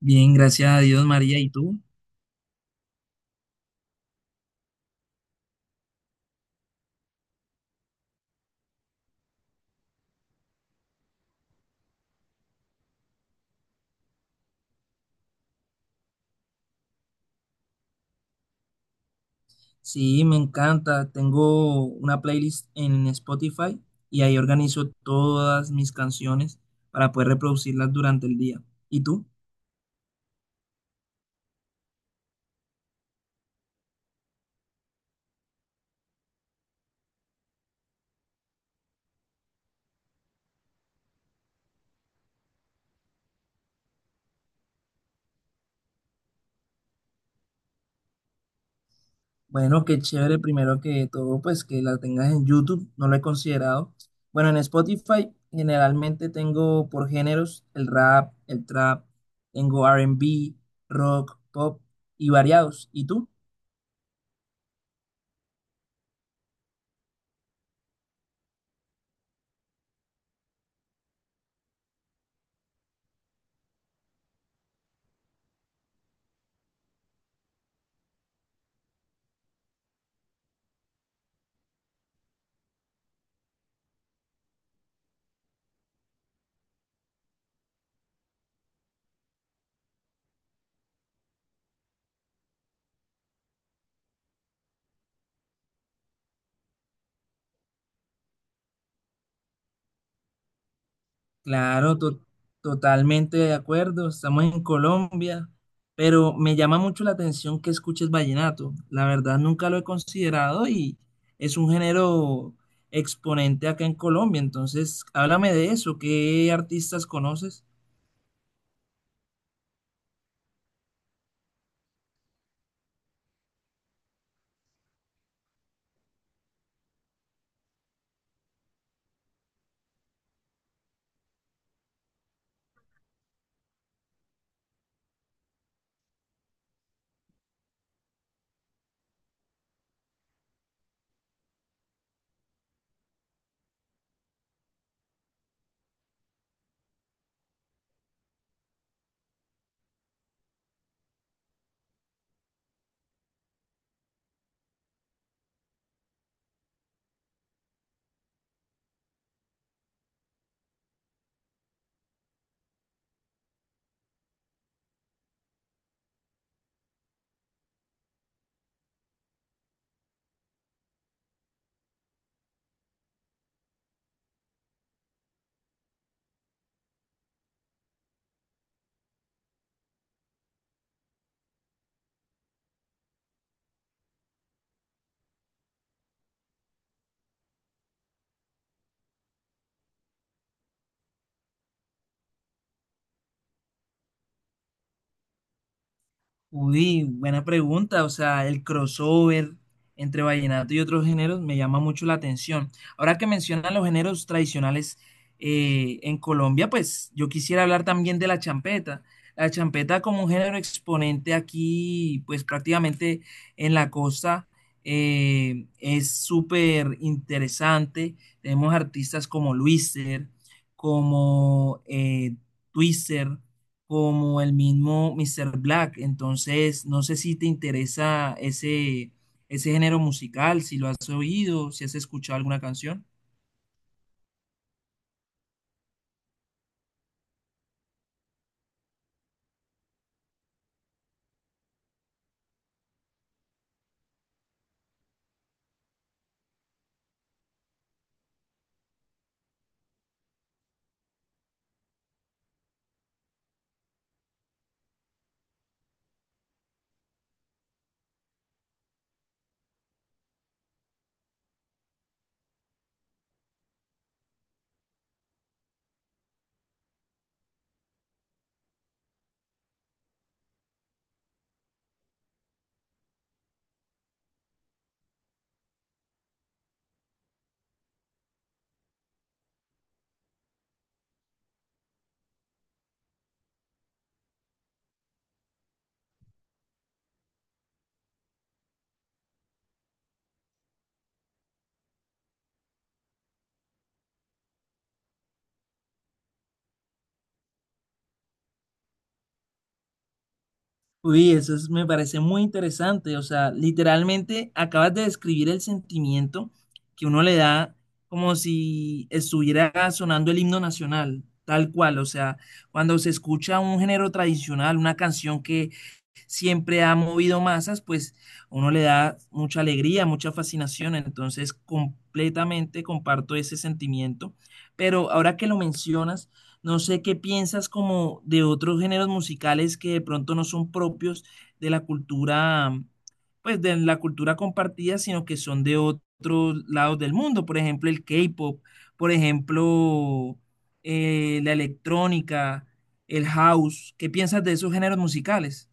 Bien, gracias a Dios, María. ¿Y tú? Sí, me encanta. Tengo una playlist en Spotify y ahí organizo todas mis canciones para poder reproducirlas durante el día. ¿Y tú? Bueno, qué chévere. Primero que todo, pues que la tengas en YouTube. No lo he considerado. Bueno, en Spotify generalmente tengo por géneros el rap, el trap, tengo R&B, rock, pop y variados. ¿Y tú? Claro, totalmente de acuerdo. Estamos en Colombia, pero me llama mucho la atención que escuches vallenato. La verdad, nunca lo he considerado y es un género exponente acá en Colombia. Entonces, háblame de eso. ¿Qué artistas conoces? Uy, buena pregunta. O sea, el crossover entre vallenato y otros géneros me llama mucho la atención. Ahora que mencionan los géneros tradicionales en Colombia, pues yo quisiera hablar también de la champeta. La champeta como un género exponente aquí, pues prácticamente en la costa, es súper interesante. Tenemos artistas como Luiser, como Twister como el mismo Mr. Black. Entonces, no sé si te interesa ese género musical, si lo has oído, si has escuchado alguna canción. Uy, me parece muy interesante. O sea, literalmente acabas de describir el sentimiento que uno le da como si estuviera sonando el himno nacional, tal cual. O sea, cuando se escucha un género tradicional, una canción que siempre ha movido masas, pues uno le da mucha alegría, mucha fascinación, entonces completamente comparto ese sentimiento, pero ahora que lo mencionas, no sé qué piensas como de otros géneros musicales que de pronto no son propios de la cultura, pues de la cultura compartida, sino que son de otros lados del mundo, por ejemplo el K-pop, por ejemplo la electrónica, el house, ¿qué piensas de esos géneros musicales?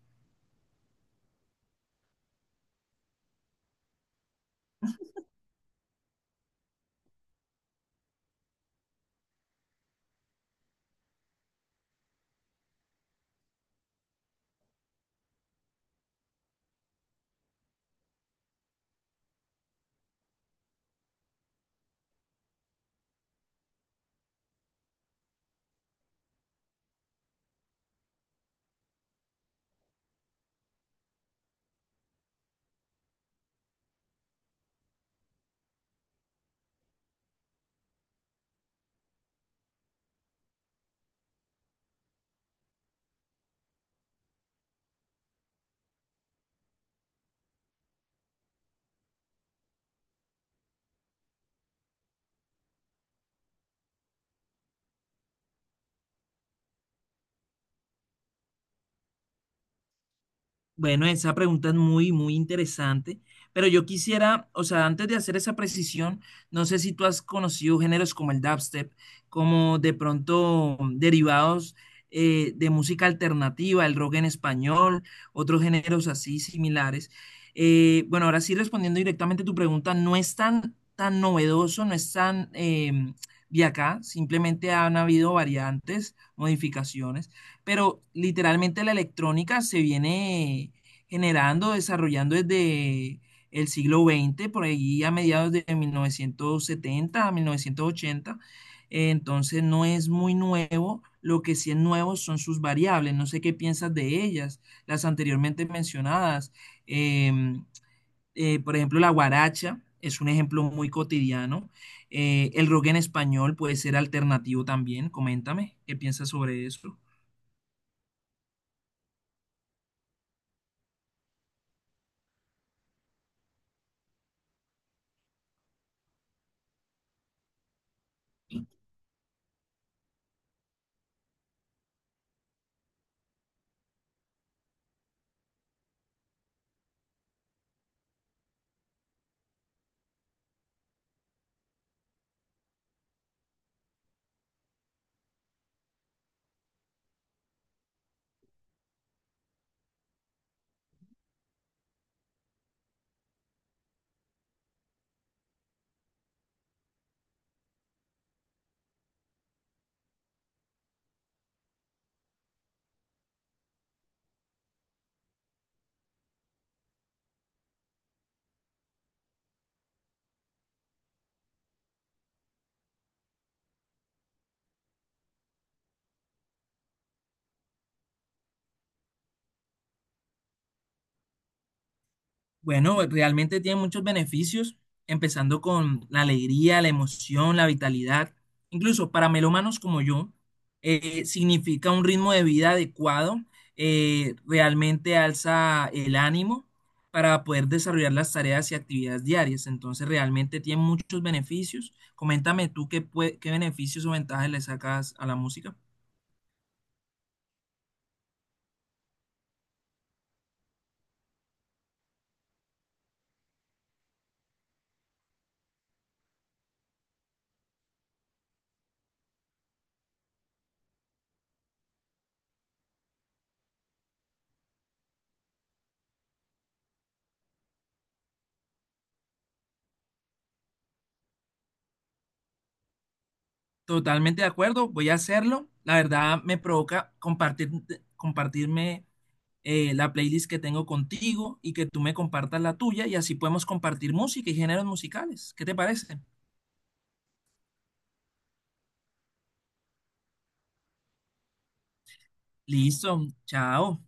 Bueno, esa pregunta es muy interesante, pero yo quisiera, o sea, antes de hacer esa precisión, no sé si tú has conocido géneros como el dubstep, como de pronto derivados de música alternativa, el rock en español, otros géneros así similares. Bueno, ahora sí respondiendo directamente a tu pregunta, no es tan novedoso, no es tan de acá, simplemente han habido variantes, modificaciones, pero literalmente la electrónica se viene generando, desarrollando desde el siglo XX, por ahí a mediados de 1970 a 1980. Entonces no es muy nuevo, lo que sí es nuevo son sus variables, no sé qué piensas de ellas, las anteriormente mencionadas. Em, por ejemplo, la guaracha es un ejemplo muy cotidiano. El rock en español puede ser alternativo también, coméntame, ¿qué piensas sobre eso? Bueno, realmente tiene muchos beneficios, empezando con la alegría, la emoción, la vitalidad. Incluso para melómanos como yo, significa un ritmo de vida adecuado, realmente alza el ánimo para poder desarrollar las tareas y actividades diarias. Entonces, realmente tiene muchos beneficios. Coméntame tú qué, qué beneficios o ventajas le sacas a la música. Totalmente de acuerdo, voy a hacerlo. La verdad me provoca compartir, compartirme la playlist que tengo contigo y que tú me compartas la tuya y así podemos compartir música y géneros musicales. ¿Qué te parece? Listo, chao.